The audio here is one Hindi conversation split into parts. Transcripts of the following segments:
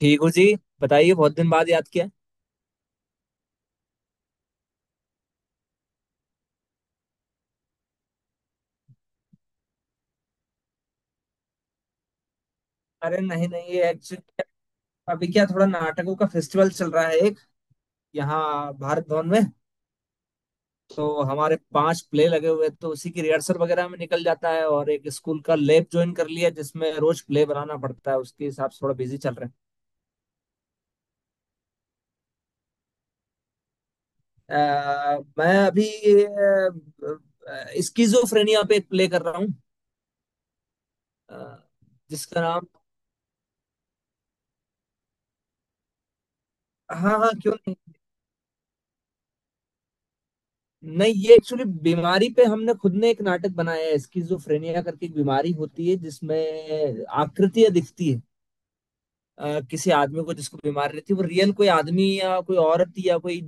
ठीक हूँ जी। बताइए, बहुत दिन बाद याद किया। अरे नहीं नहीं, ये एक्चुअली। अभी क्या, थोड़ा नाटकों का फेस्टिवल चल रहा है, एक यहाँ भारत भवन में। तो हमारे पांच प्ले लगे हुए हैं, तो उसी की रिहर्सल वगैरह में निकल जाता है, और एक स्कूल का लैब ज्वाइन कर लिया जिसमें रोज प्ले बनाना पड़ता है, उसके हिसाब से थोड़ा बिजी चल रहे हैं। मैं अभी स्किजोफ्रेनिया पे एक प्ले कर रहा हूँ, अ, जिसका नाम। हाँ हाँ, क्यों नहीं। नहीं, ये एक्चुअली बीमारी पे हमने खुद ने एक नाटक बनाया है। स्किज़ोफ्रेनिया करके एक बीमारी होती है जिसमें आकृतियां दिखती है। किसी आदमी को जिसको बीमारी रहती है, वो रियल कोई आदमी या कोई औरत या कोई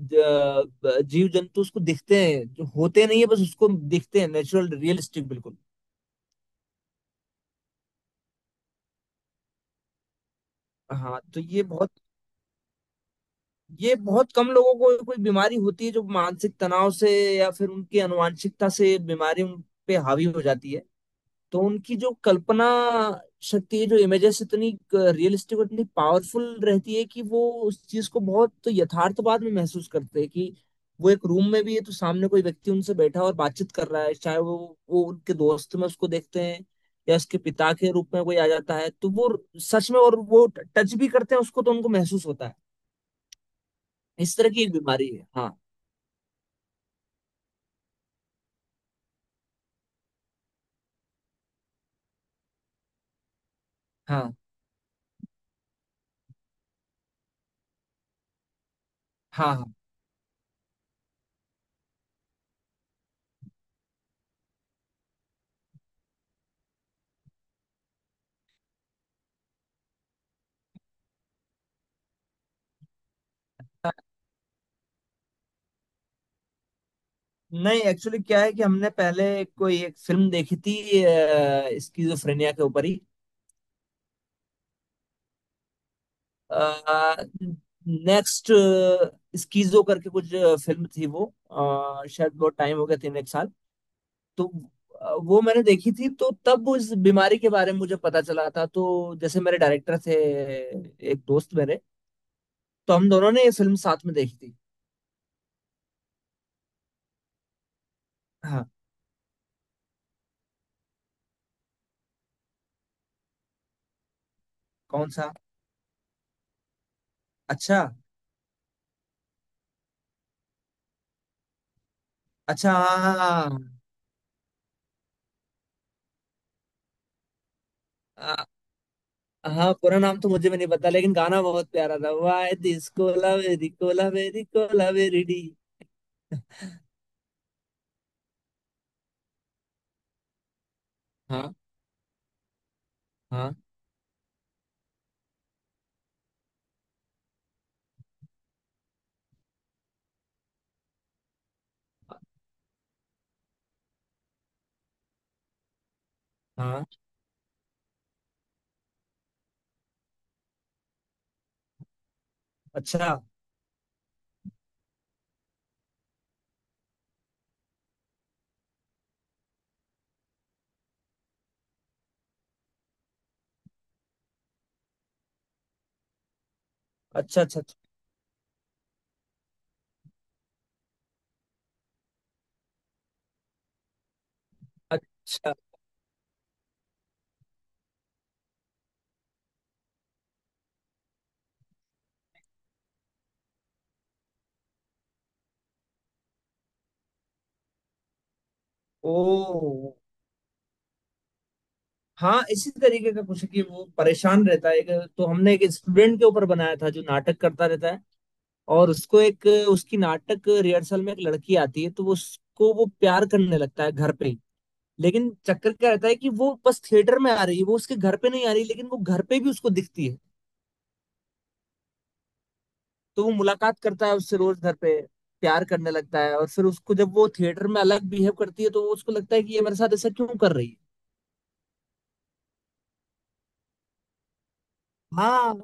जीव जंतु उसको दिखते हैं जो होते नहीं है, बस उसको दिखते हैं। नेचुरल, रियलिस्टिक बिल्कुल। हाँ, तो ये बहुत कम लोगों को कोई बीमारी होती है जो मानसिक तनाव से या फिर उनकी अनुवांशिकता से बीमारी उन पे हावी हो जाती है। तो उनकी जो कल्पना शक्ति है, जो इमेजेस इतनी रियलिस्टिक और इतनी पावरफुल रहती है कि वो उस चीज को बहुत यथार्थवाद में महसूस करते हैं। कि वो एक रूम में भी है तो सामने कोई व्यक्ति उनसे बैठा और बातचीत कर रहा है, चाहे वो उनके दोस्त में उसको देखते हैं या उसके पिता के रूप में कोई आ जाता है तो वो सच में। और वो टच भी करते हैं उसको, तो उनको महसूस होता है। इस तरह की एक बीमारी है, हाँ हाँ हाँ हाँ। हाँ। नहीं, एक्चुअली क्या है कि हमने पहले कोई एक फिल्म देखी थी, स्किजोफ्रेनिया के ऊपर ही। नेक्स्ट स्कीजो करके कुछ फिल्म थी वो। शायद बहुत टाइम हो गया, 3 एक साल। तो वो मैंने देखी थी, तो तब उस बीमारी के बारे में मुझे पता चला था। तो जैसे मेरे डायरेक्टर थे, एक दोस्त मेरे, तो हम दोनों ने ये फिल्म साथ में देखी थी। हाँ। कौन सा? अच्छा। अच्छा हाँ हाँ हाँ हाँ। हाँ, पूरा नाम तो मुझे भी नहीं पता, लेकिन गाना बहुत प्यारा था, वाई दिस कोला वेरी कोला वेरी कोला वेरी डी। हाँ हाँ हाँ। अच्छा अच्छा अच्छा। अच्छा। अच्छा। ओ। हाँ, इसी तरीके का कुछ है कि वो परेशान रहता है, तो हमने एक स्टूडेंट के ऊपर बनाया था जो नाटक करता रहता है। और उसको एक, उसकी नाटक रिहर्सल में एक लड़की आती है, तो वो उसको वो प्यार करने लगता है घर पे ही। लेकिन चक्कर क्या रहता है कि वो बस थिएटर में आ रही है, वो उसके घर पे नहीं आ रही, लेकिन वो घर पे भी उसको दिखती है। तो वो मुलाकात करता है उससे रोज घर पे, प्यार करने लगता है, और फिर उसको जब वो थिएटर में अलग बिहेव करती है तो उसको लगता है कि ये मेरे साथ ऐसा क्यों कर रही है। हाँ।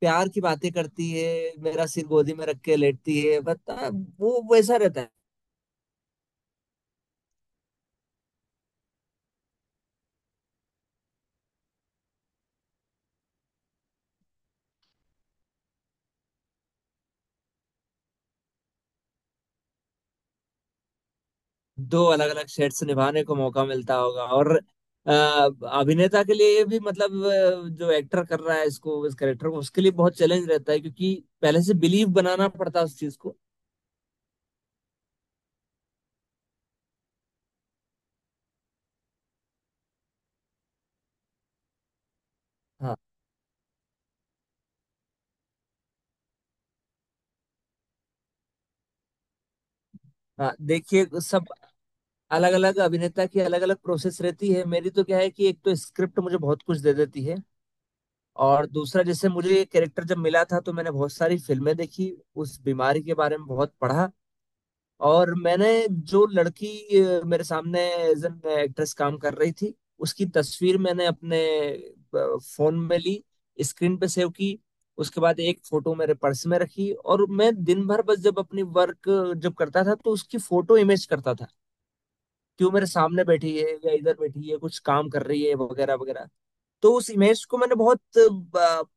प्यार की बातें करती है, मेरा सिर गोदी में रख के लेटती है, बता। वो वैसा रहता है। दो अलग अलग शेड्स निभाने को मौका मिलता होगा, और अभिनेता के लिए ये भी, मतलब जो एक्टर कर रहा है इसको, इस करेक्टर को, उसके लिए बहुत चैलेंज रहता है, क्योंकि पहले से बिलीव बनाना पड़ता है उस चीज को। हाँ हाँ, देखिए सब अलग अलग अभिनेता की अलग अलग प्रोसेस रहती है। मेरी तो क्या है कि एक तो स्क्रिप्ट मुझे बहुत कुछ दे देती है, और दूसरा जैसे मुझे ये कैरेक्टर जब मिला था तो मैंने बहुत सारी फिल्में देखी, उस बीमारी के बारे में बहुत पढ़ा। और मैंने जो लड़की मेरे सामने एज एन एक्ट्रेस काम कर रही थी, उसकी तस्वीर मैंने अपने फोन में ली, स्क्रीन पे सेव की। उसके बाद एक फोटो मेरे पर्स में रखी, और मैं दिन भर बस जब अपनी वर्क जब करता था तो उसकी फोटो इमेज करता था कि वो मेरे सामने बैठी है या इधर बैठी है कुछ काम कर रही है वगैरह वगैरह। तो उस इमेज को मैंने बहुत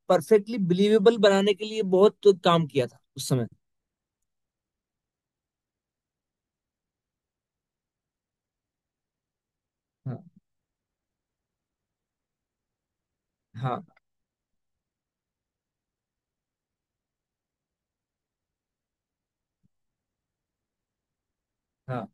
परफेक्टली बिलीवेबल बनाने के लिए बहुत काम किया था उस समय। हाँ हाँ हाँ।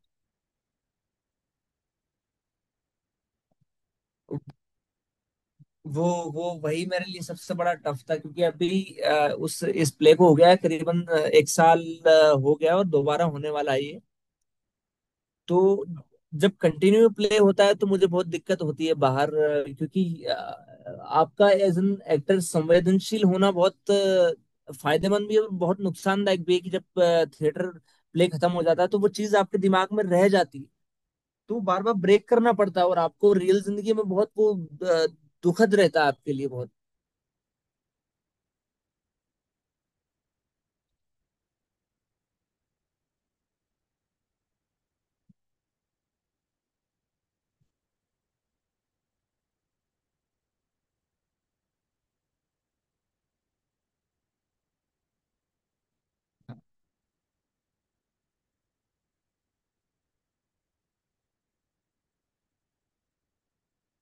वो वो वही मेरे लिए सबसे बड़ा टफ था, क्योंकि अभी उस इस प्ले को हो गया है करीबन एक साल हो गया, और दोबारा होने वाला है ये। तो जब कंटिन्यू प्ले होता है तो मुझे बहुत दिक्कत होती है बाहर, क्योंकि आपका एज एन एक्टर संवेदनशील होना बहुत फायदेमंद भी है और बहुत नुकसानदायक भी है, कि जब थिएटर प्ले खत्म हो जाता है तो वो चीज आपके दिमाग में रह जाती है। तो बार बार ब्रेक करना पड़ता है, और आपको रियल जिंदगी में बहुत वो, दुखद रहता है आपके लिए बहुत।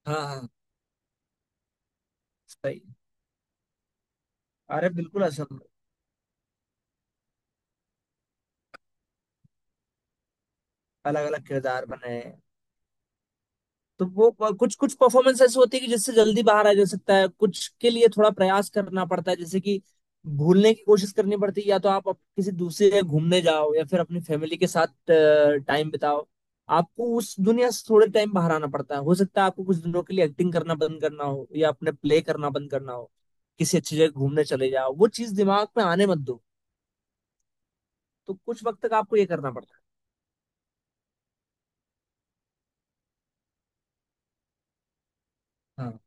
हाँ हाँ, सही। अरे बिल्कुल असल। अलग अलग किरदार बने हैं। तो वो कुछ कुछ परफॉर्मेंस ऐसी होती है कि जिससे जल्दी बाहर आ जा सकता है, कुछ के लिए थोड़ा प्रयास करना पड़ता है, जैसे कि भूलने की कोशिश करनी पड़ती है, या तो आप किसी दूसरे जगह घूमने जाओ या फिर अपनी फैमिली के साथ टाइम बिताओ। आपको उस दुनिया से थोड़े टाइम बाहर आना पड़ता है, हो सकता है आपको कुछ दिनों के लिए एक्टिंग करना बंद करना हो या अपने प्ले करना बंद करना हो, किसी अच्छी जगह घूमने चले जाओ, वो चीज दिमाग में आने मत दो। तो कुछ वक्त तक आपको ये करना पड़ता है। हाँ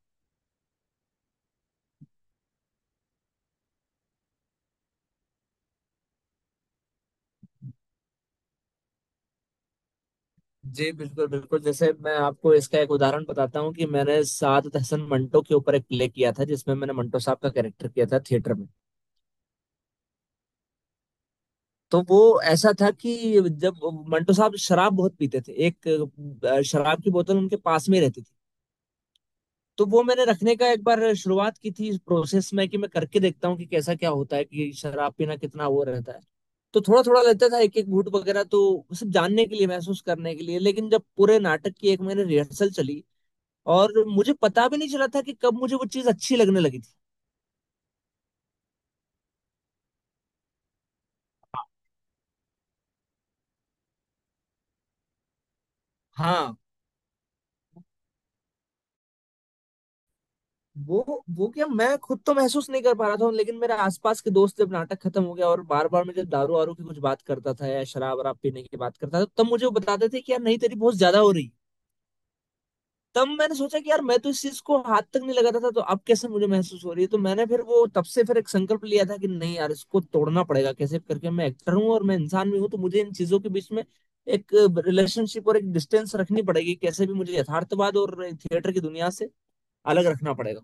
जी, बिल्कुल बिल्कुल। जैसे मैं आपको इसका एक उदाहरण बताता हूँ कि मैंने सादत हसन मंटो के ऊपर एक प्ले किया था जिसमें मैंने मंटो साहब का कैरेक्टर किया था थिएटर में। तो वो ऐसा था कि जब मंटो साहब शराब बहुत पीते थे, एक शराब की बोतल उनके पास में ही रहती थी। तो वो मैंने रखने का एक बार शुरुआत की थी इस प्रोसेस में, कि मैं करके देखता हूँ कि कैसा क्या होता है, कि शराब पीना कितना वो रहता है। तो थोड़ा थोड़ा लगता था, एक एक घूंट वगैरह, तो सिर्फ जानने के लिए, महसूस करने के लिए। लेकिन जब पूरे नाटक की एक महीने रिहर्सल चली, और मुझे पता भी नहीं चला था कि कब मुझे वो चीज अच्छी लगने लगी थी। हाँ। वो क्या, मैं खुद तो महसूस नहीं कर पा रहा था, लेकिन मेरे आसपास के दोस्त, जब नाटक खत्म हो गया और बार बार मैं जब दारू वारू की कुछ बात करता था या शराब वराब पीने की बात करता था, तब मुझे वो बताते थे कि यार नहीं, तेरी बहुत ज्यादा हो रही है। तब मैंने सोचा कि यार, मैं तो इस चीज को हाथ तक नहीं लगाता था, तो अब कैसे मुझे महसूस हो रही है। तो मैंने फिर वो, तब से फिर एक संकल्प लिया था कि नहीं यार, इसको तोड़ना पड़ेगा कैसे भी करके। मैं एक्टर हूँ और मैं इंसान भी हूँ, तो मुझे इन चीजों के बीच में एक रिलेशनशिप और एक डिस्टेंस रखनी पड़ेगी। कैसे भी मुझे यथार्थवाद और थिएटर की दुनिया से अलग रखना पड़ेगा।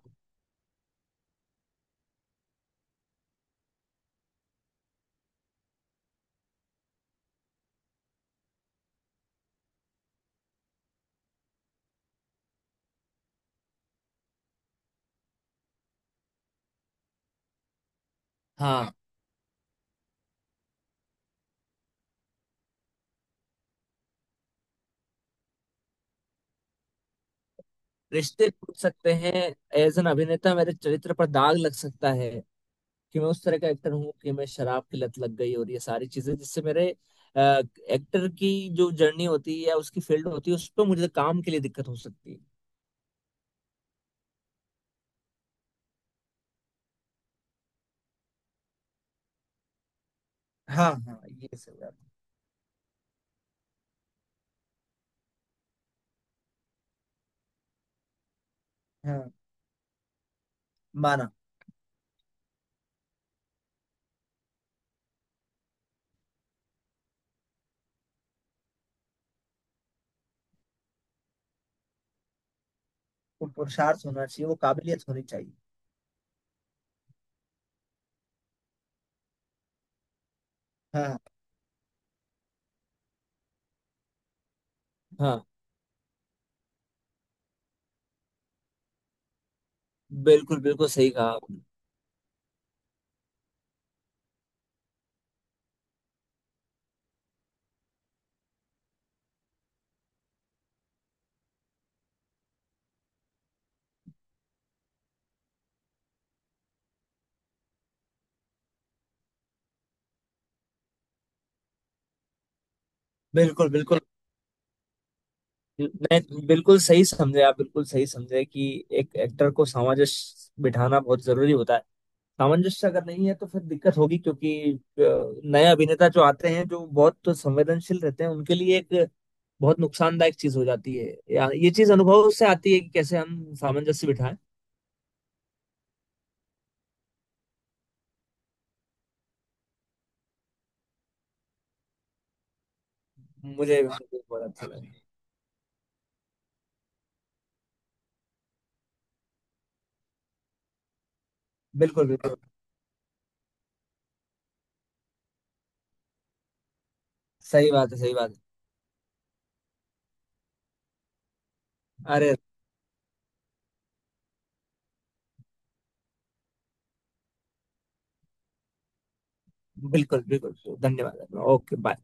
हाँ, रिश्ते टूट सकते हैं। एज एन अभिनेता मेरे चरित्र पर दाग लग सकता है, कि मैं उस तरह का एक्टर हूँ, कि मैं शराब की लत लग गई और ये सारी चीजें, जिससे मेरे अ, एक्टर की जो जर्नी होती है या उसकी फील्ड होती है उस पर मुझे काम के लिए दिक्कत हो सकती है। हाँ हाँ, ये सही बात है। हाँ, माना। वो पुरुषार्थ होना चाहिए, वो काबिलियत होनी चाहिए। हाँ हाँ, बिल्कुल बिल्कुल, सही कहा आपने। बिल्कुल बिल्कुल। नहीं, बिल्कुल सही समझे आप, बिल्कुल सही समझे कि एक एक्टर को सामंजस्य बिठाना बहुत जरूरी होता है। सामंजस्य अगर नहीं है तो फिर दिक्कत होगी, क्योंकि नए अभिनेता जो आते हैं जो बहुत संवेदनशील रहते हैं, उनके लिए एक बहुत नुकसानदायक चीज हो जाती है, या ये चीज अनुभव से आती है कि कैसे हम सामंजस्य बिठाएं। मुझे मुझे बहुत अच्छा लगा। बिल्कुल बिल्कुल। सही बात है, सही बात है। अरे बिल्कुल बिल्कुल। धन्यवाद। Okay bye.